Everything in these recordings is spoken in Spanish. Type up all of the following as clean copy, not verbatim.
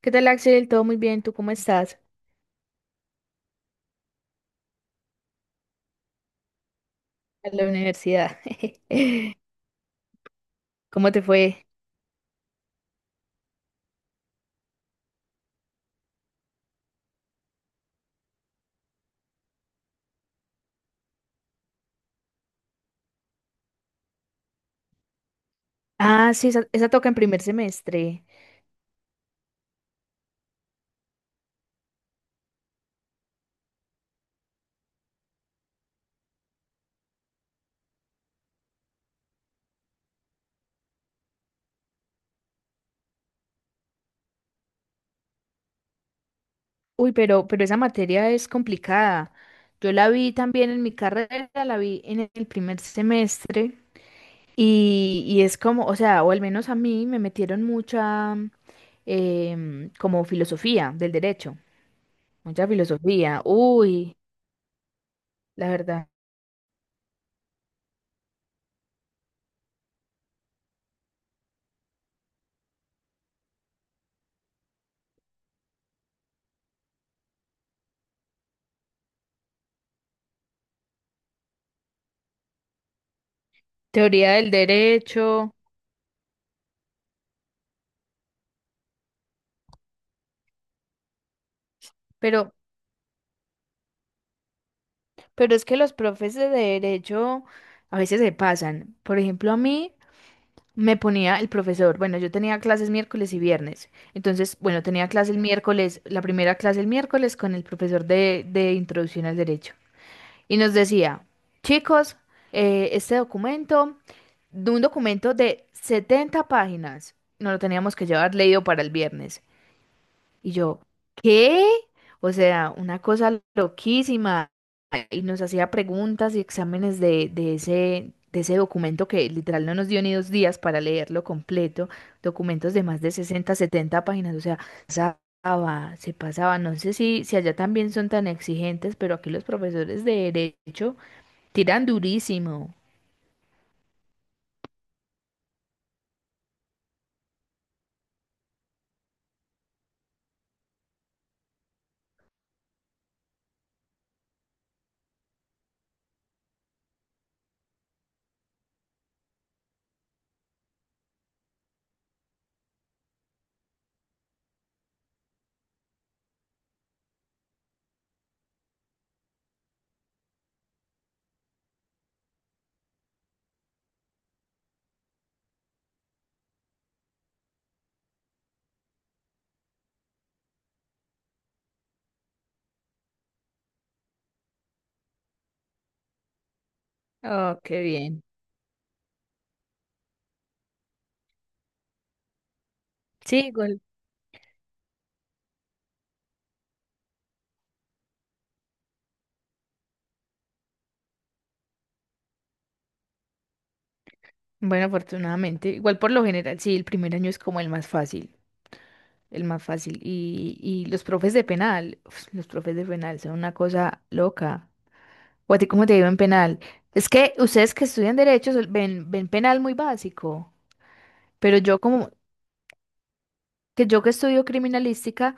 ¿Qué tal, Axel? Todo muy bien. ¿Tú cómo estás? En la universidad. ¿Cómo te fue? Ah, sí, esa toca en primer semestre. Uy, pero esa materia es complicada. Yo la vi también en mi carrera, la vi en el primer semestre y es como, o sea, o al menos a mí me metieron mucha como filosofía del derecho, mucha filosofía. Uy, la verdad. Teoría del derecho, pero. Pero es que los profes de derecho a veces se pasan. Por ejemplo, a mí me ponía el profesor, bueno, yo tenía clases miércoles y viernes. Entonces, bueno, tenía clase el miércoles, la primera clase el miércoles con el profesor de introducción al derecho. Y nos decía, chicos, este documento, de un documento de 70 páginas, no lo teníamos que llevar leído para el viernes. Y yo, ¿qué? O sea, una cosa loquísima. Y nos hacía preguntas y exámenes de ese documento que literal no nos dio ni 2 días para leerlo completo. Documentos de más de 60 70 páginas. O sea, pasaba, se pasaba. No sé si allá también son tan exigentes, pero aquí los profesores de derecho tiran durísimo. Oh, qué bien. Sí, bueno, afortunadamente. Igual por lo general, sí, el primer año es como el más fácil. El más fácil. Y los profes de penal, uf, los profes de penal son una cosa loca. ¿O a ti cómo te digo en penal? Es que ustedes que estudian derecho ven, ven penal muy básico, pero yo como que yo que estudio criminalística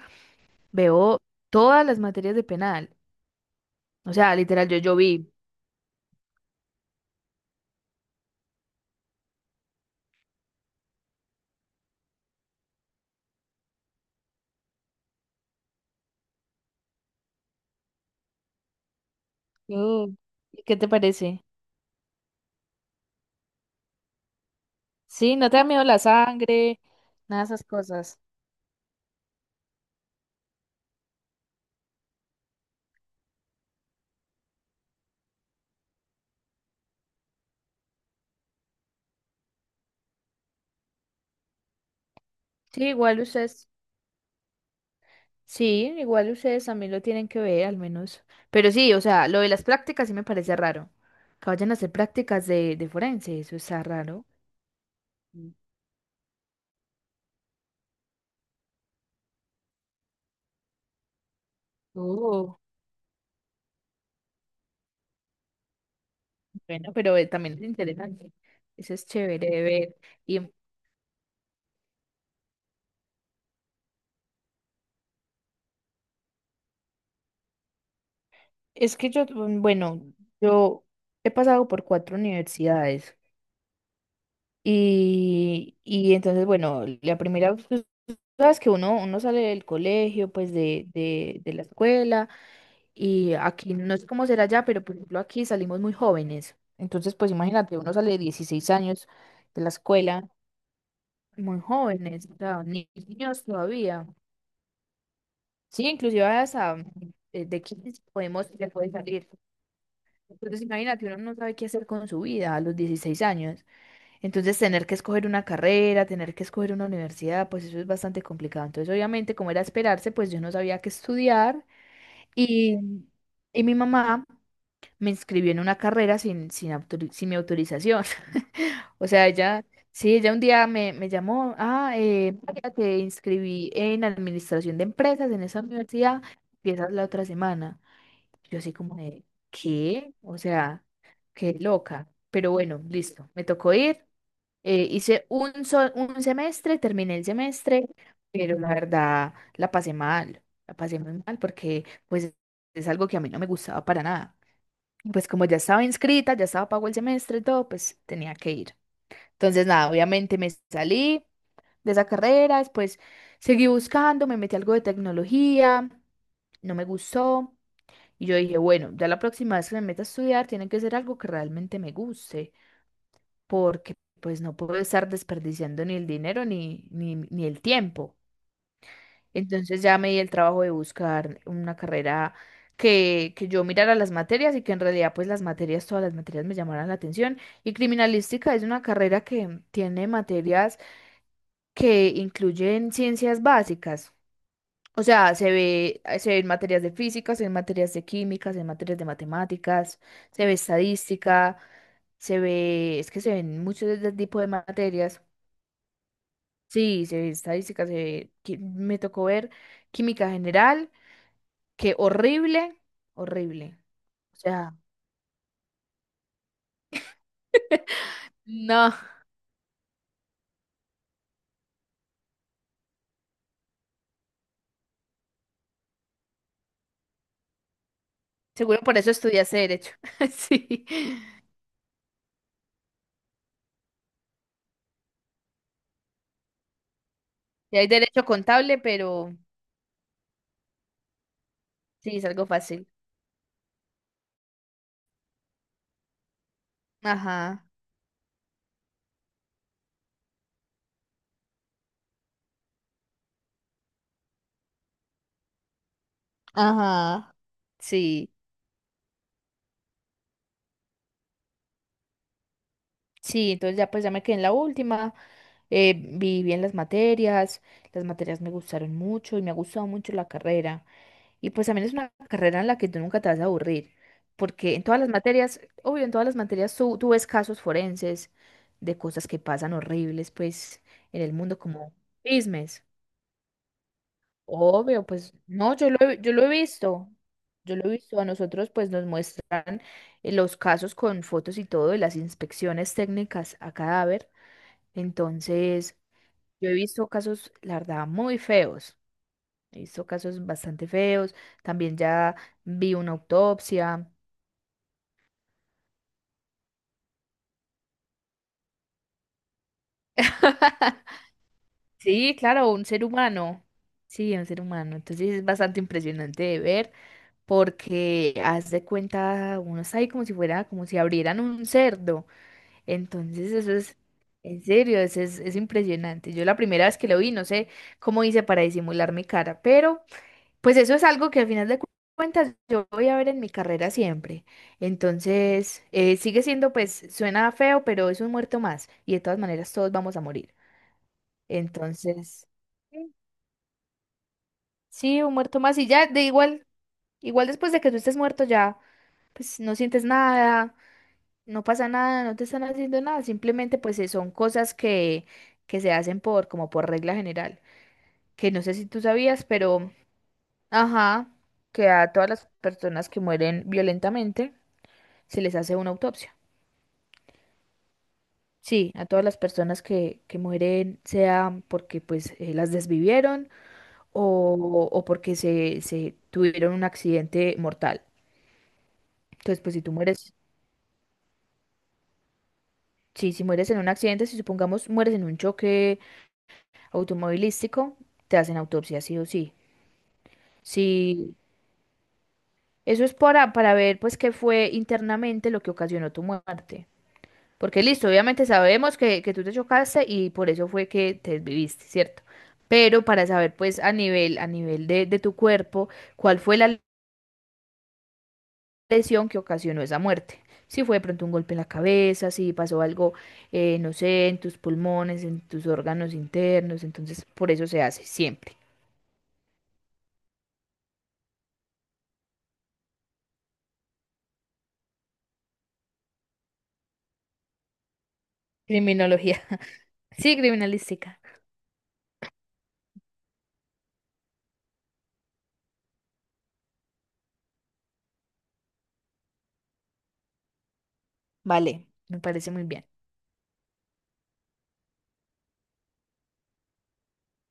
veo todas las materias de penal. O sea, literal, yo vi. Yo- ¿Y qué te parece? Sí, no te da miedo la sangre, nada de esas cosas. Sí, igual ustedes. Sí, igual ustedes también lo tienen que ver, al menos. Pero sí, o sea, lo de las prácticas sí me parece raro. Que vayan a hacer prácticas de forense, eso está raro. Mm. Oh, bueno, pero también es interesante. Eso es chévere de ver. Y es que yo, bueno, yo he pasado por cuatro universidades y entonces, bueno, la primera, tú sabes que uno sale del colegio, pues de la escuela. Y aquí no sé cómo será ya, pero por ejemplo aquí salimos muy jóvenes. Entonces, pues imagínate, uno sale de 16 años de la escuela, muy jóvenes, o sea, niños todavía. Sí, inclusive hasta de 15 podemos, se puede salir. Entonces, imagínate, uno no sabe qué hacer con su vida a los 16 años. Entonces, tener que escoger una carrera, tener que escoger una universidad, pues eso es bastante complicado. Entonces, obviamente, como era esperarse, pues yo no sabía qué estudiar. Y, y mi mamá me inscribió en una carrera sin mi autorización. O sea, ella, sí, ella un día me llamó, ah, María, te inscribí en administración de empresas en esa universidad, empiezas la otra semana. Yo así como de, ¿qué? O sea, qué loca. Pero bueno, listo, me tocó ir. Hice un, un semestre, terminé el semestre, pero la verdad la pasé mal, la pasé muy mal porque pues es algo que a mí no me gustaba para nada. Y pues como ya estaba inscrita, ya estaba pago el semestre y todo, pues tenía que ir. Entonces, nada, obviamente me salí de esa carrera, después seguí buscando, me metí a algo de tecnología, no me gustó. Y yo dije, bueno, ya la próxima vez que me meta a estudiar tiene que ser algo que realmente me guste, porque pues no puedo estar desperdiciando ni el dinero ni el tiempo. Entonces ya me di el trabajo de buscar una carrera que yo mirara las materias y que en realidad pues las materias, todas las materias me llamaran la atención. Y criminalística es una carrera que tiene materias que incluyen ciencias básicas. O sea, se ve, se ven materias de física, se ven materias de química, se ven materias de matemáticas, se ve estadística, se ve, es que se ven muchos de este tipo de materias. Sí, se ve estadística, se ve, me tocó ver química general. Qué horrible, horrible. O sea, no, seguro por eso estudiaste derecho. Sí. Y hay derecho contable, pero sí, es algo fácil. Ajá, ajá. Sí, sí, entonces ya pues ya me quedé en la última. Vi bien las materias me gustaron mucho y me ha gustado mucho la carrera. Y pues también es una carrera en la que tú nunca te vas a aburrir, porque en todas las materias, obvio, en todas las materias tú ves casos forenses de cosas que pasan horribles, pues, en el mundo como chismes. Obvio, pues, no, yo lo he visto, yo lo he visto, a nosotros pues nos muestra los casos con fotos y todo, y las inspecciones técnicas a cadáver. Entonces, yo he visto casos, la verdad, muy feos, he visto casos bastante feos, también ya vi una autopsia. Sí, claro, un ser humano. Sí, un ser humano. Entonces es bastante impresionante de ver porque haz de cuenta, uno está ahí como si fuera, como si abrieran un cerdo. Entonces eso es, en serio, eso es impresionante. Yo la primera vez que lo vi, no sé cómo hice para disimular mi cara, pero pues eso es algo que al final de cuentas yo voy a ver en mi carrera siempre. Entonces sigue siendo, pues suena feo, pero es un muerto más y de todas maneras todos vamos a morir. Entonces, Mm. sí, un muerto más y ya, de igual, igual después de que tú estés muerto ya, pues no sientes nada, no pasa nada, no te están haciendo nada, simplemente pues son cosas que se hacen por, como por regla general, que no sé si tú sabías, pero, ajá, que a todas las personas que mueren violentamente se les hace una autopsia. Sí, a todas las personas que mueren, sea porque pues las desvivieron o porque se tuvieron un accidente mortal. Entonces, pues si tú mueres, sí, si mueres en un accidente, si supongamos mueres en un choque automovilístico, te hacen autopsia, sí o sí. Sí, eso es para ver pues qué fue internamente lo que ocasionó tu muerte. Porque listo, obviamente sabemos que tú te chocaste y por eso fue que te desviviste, ¿cierto? Pero para saber pues a nivel de tu cuerpo, cuál fue la lesión que ocasionó esa muerte. Si fue de pronto un golpe en la cabeza, si pasó algo, no sé, en tus pulmones, en tus órganos internos, entonces por eso se hace siempre. Criminología. Sí, criminalística. Vale, me parece muy bien.